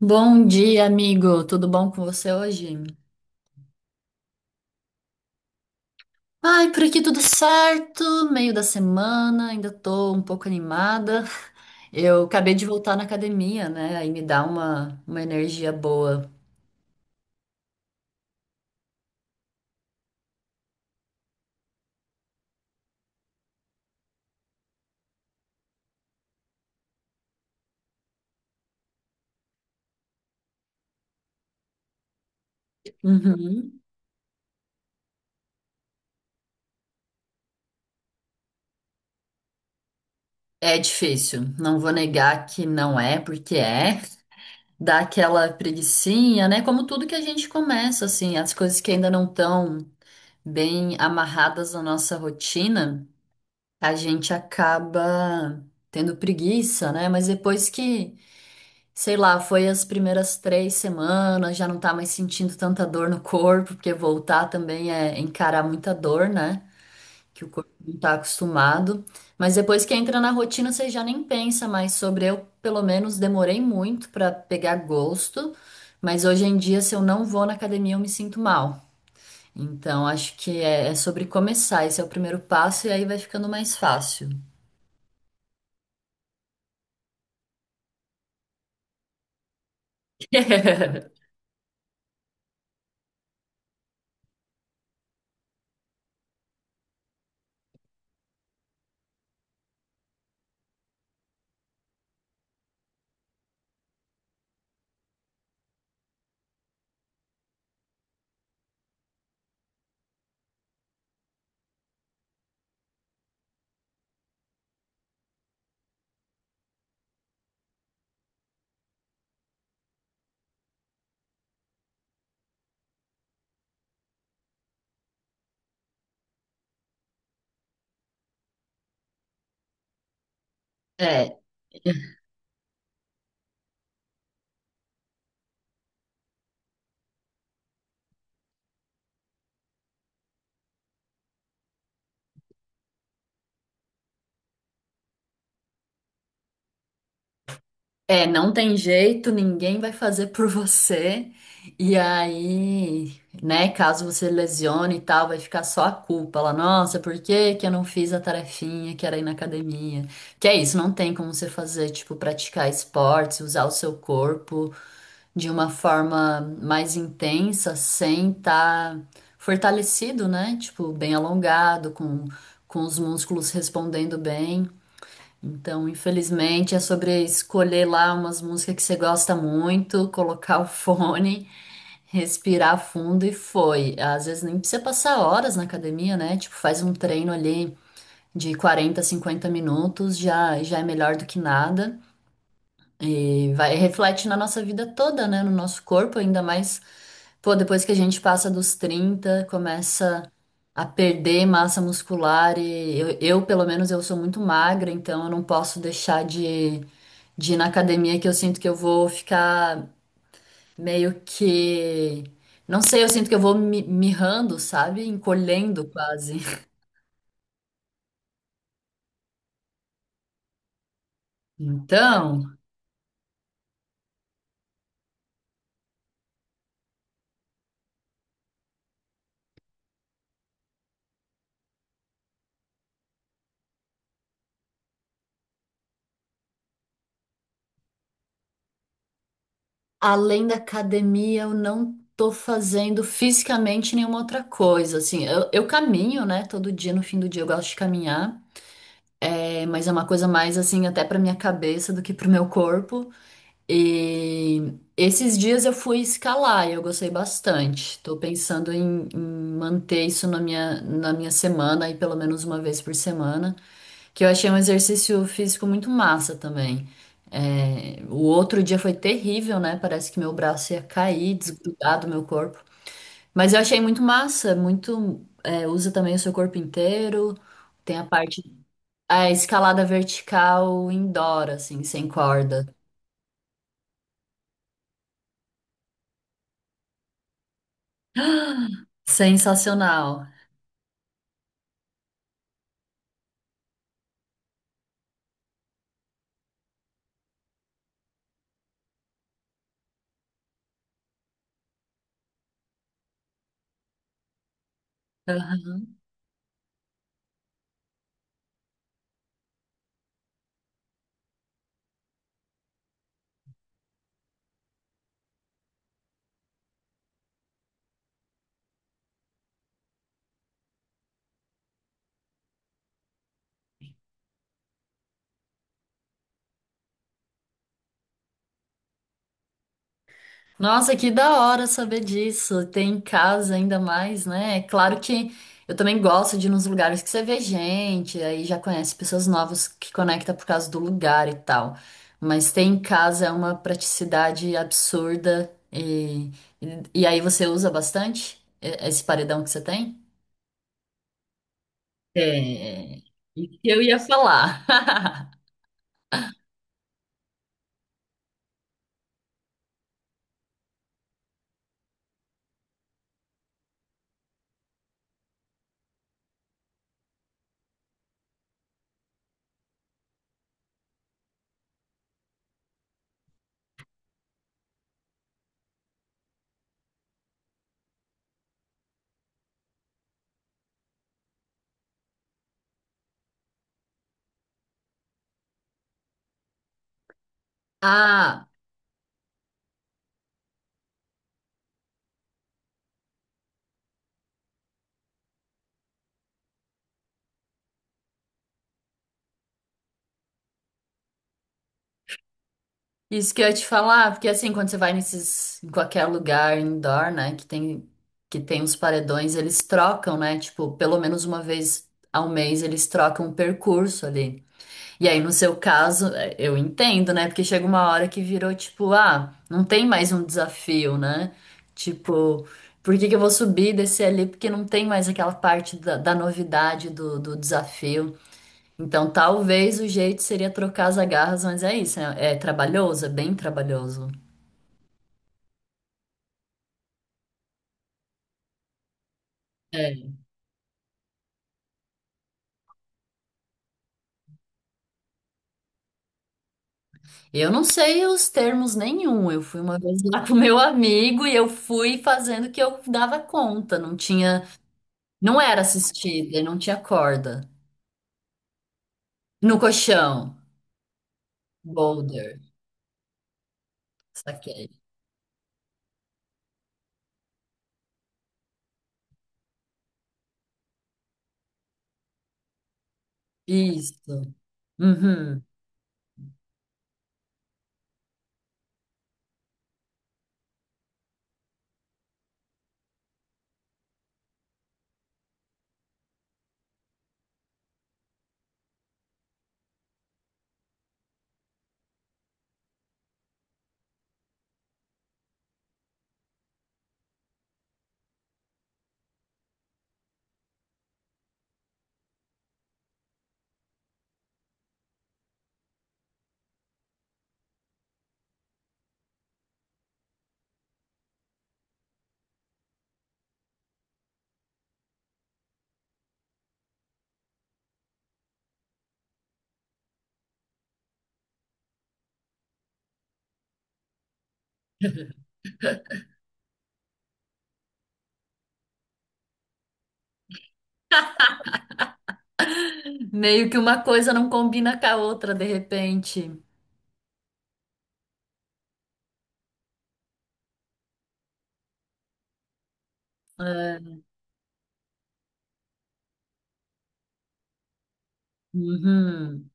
Bom dia, amigo. Tudo bom com você hoje? Ai, por aqui tudo certo. Meio da semana, ainda tô um pouco animada. Eu acabei de voltar na academia, né? Aí me dá uma energia boa. Uhum. É difícil. Não vou negar que não é, porque é. Dá aquela preguicinha, né? Como tudo que a gente começa, assim, as coisas que ainda não estão bem amarradas na nossa rotina. A gente acaba tendo preguiça, né? Mas depois que, sei lá, foi as primeiras 3 semanas, já não tá mais sentindo tanta dor no corpo, porque voltar também é encarar muita dor, né? Que o corpo não tá acostumado. Mas depois que entra na rotina, você já nem pensa mais sobre. Eu, pelo menos, demorei muito pra pegar gosto, mas hoje em dia, se eu não vou na academia, eu me sinto mal. Então, acho que é sobre começar. Esse é o primeiro passo, e aí vai ficando mais fácil. É, não tem jeito, ninguém vai fazer por você. E aí, né, caso você lesione e tal, vai ficar só a culpa lá. Nossa, por que que eu não fiz a tarefinha que era ir na academia? Que é isso, não tem como você fazer, tipo, praticar esportes, usar o seu corpo de uma forma mais intensa sem estar fortalecido, né? Tipo, bem alongado, com os músculos respondendo bem. Então, infelizmente, é sobre escolher lá umas músicas que você gosta muito, colocar o fone, respirar fundo e foi. Às vezes nem precisa passar horas na academia, né? Tipo, faz um treino ali de 40, 50 minutos, já, já é melhor do que nada. E vai, reflete na nossa vida toda, né? No nosso corpo, ainda mais, pô, depois que a gente passa dos 30 começa a perder massa muscular e eu, pelo menos, eu sou muito magra, então eu não posso deixar de ir na academia que eu sinto que eu vou ficar meio que, não sei, eu sinto que eu vou mirrando, sabe? Encolhendo quase. Então, além da academia, eu não tô fazendo fisicamente nenhuma outra coisa, assim, eu caminho, né, todo dia, no fim do dia eu gosto de caminhar, é, mas é uma coisa mais, assim, até pra minha cabeça do que pro meu corpo, e esses dias eu fui escalar e eu gostei bastante, tô pensando em manter isso na minha semana, aí pelo menos uma vez por semana, que eu achei um exercício físico muito massa também. É, o outro dia foi terrível, né? Parece que meu braço ia cair, desgrudar do meu corpo. Mas eu achei muito massa, muito. É, usa também o seu corpo inteiro. Tem a parte. A escalada vertical indoor, assim, sem corda. Sensacional. Aham. Nossa, que da hora saber disso. Tem em casa ainda mais, né? É claro que eu também gosto de ir nos lugares que você vê gente, aí já conhece pessoas novas que conecta por causa do lugar e tal. Mas ter em casa é uma praticidade absurda e aí você usa bastante esse paredão que você tem? É, isso que eu ia falar. Ah, isso que eu ia te falar, porque assim, quando você vai nesses, em qualquer lugar indoor, né, que tem os paredões, eles trocam, né, tipo, pelo menos uma vez ao mês eles trocam o percurso ali. E aí, no seu caso, é, eu entendo, né, porque chega uma hora que virou, tipo, ah, não tem mais um desafio, né, tipo, por que que eu vou subir e descer ali, porque não tem mais aquela parte da novidade do desafio. Então, talvez o jeito seria trocar as agarras, mas é isso, é trabalhoso, é bem trabalhoso. É. Eu não sei os termos nenhum. Eu fui uma vez lá com meu amigo e eu fui fazendo o que eu dava conta. Não tinha, não era assistida, e não tinha corda. No colchão, boulder, saquei. Isso. Uhum. Meio que uma coisa não combina com a outra de repente. É. Uhum.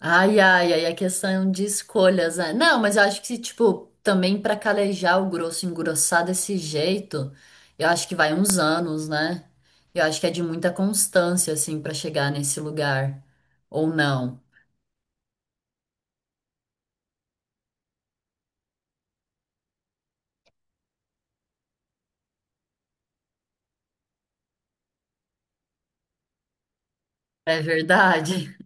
Ai, ai, ai, a questão de escolhas, né? Não, mas eu acho que, tipo, também pra calejar o grosso, engrossar desse jeito, eu acho que vai uns anos, né? Eu acho que é de muita constância, assim, pra chegar nesse lugar. Ou não. É verdade?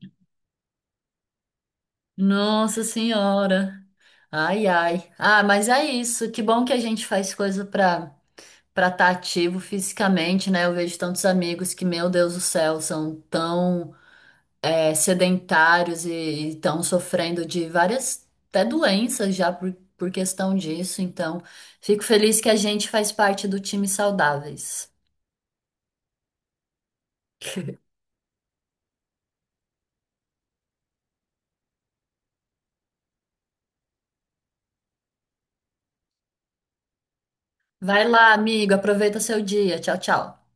Nossa Senhora. Ai, ai. Ah, mas é isso. Que bom que a gente faz coisa pra para estar ativo fisicamente, né? Eu vejo tantos amigos que, meu Deus do céu, são tão é, sedentários e estão sofrendo de várias até doenças já por questão disso. Então, fico feliz que a gente faz parte do time saudáveis. Vai lá, amigo, aproveita seu dia. Tchau, tchau.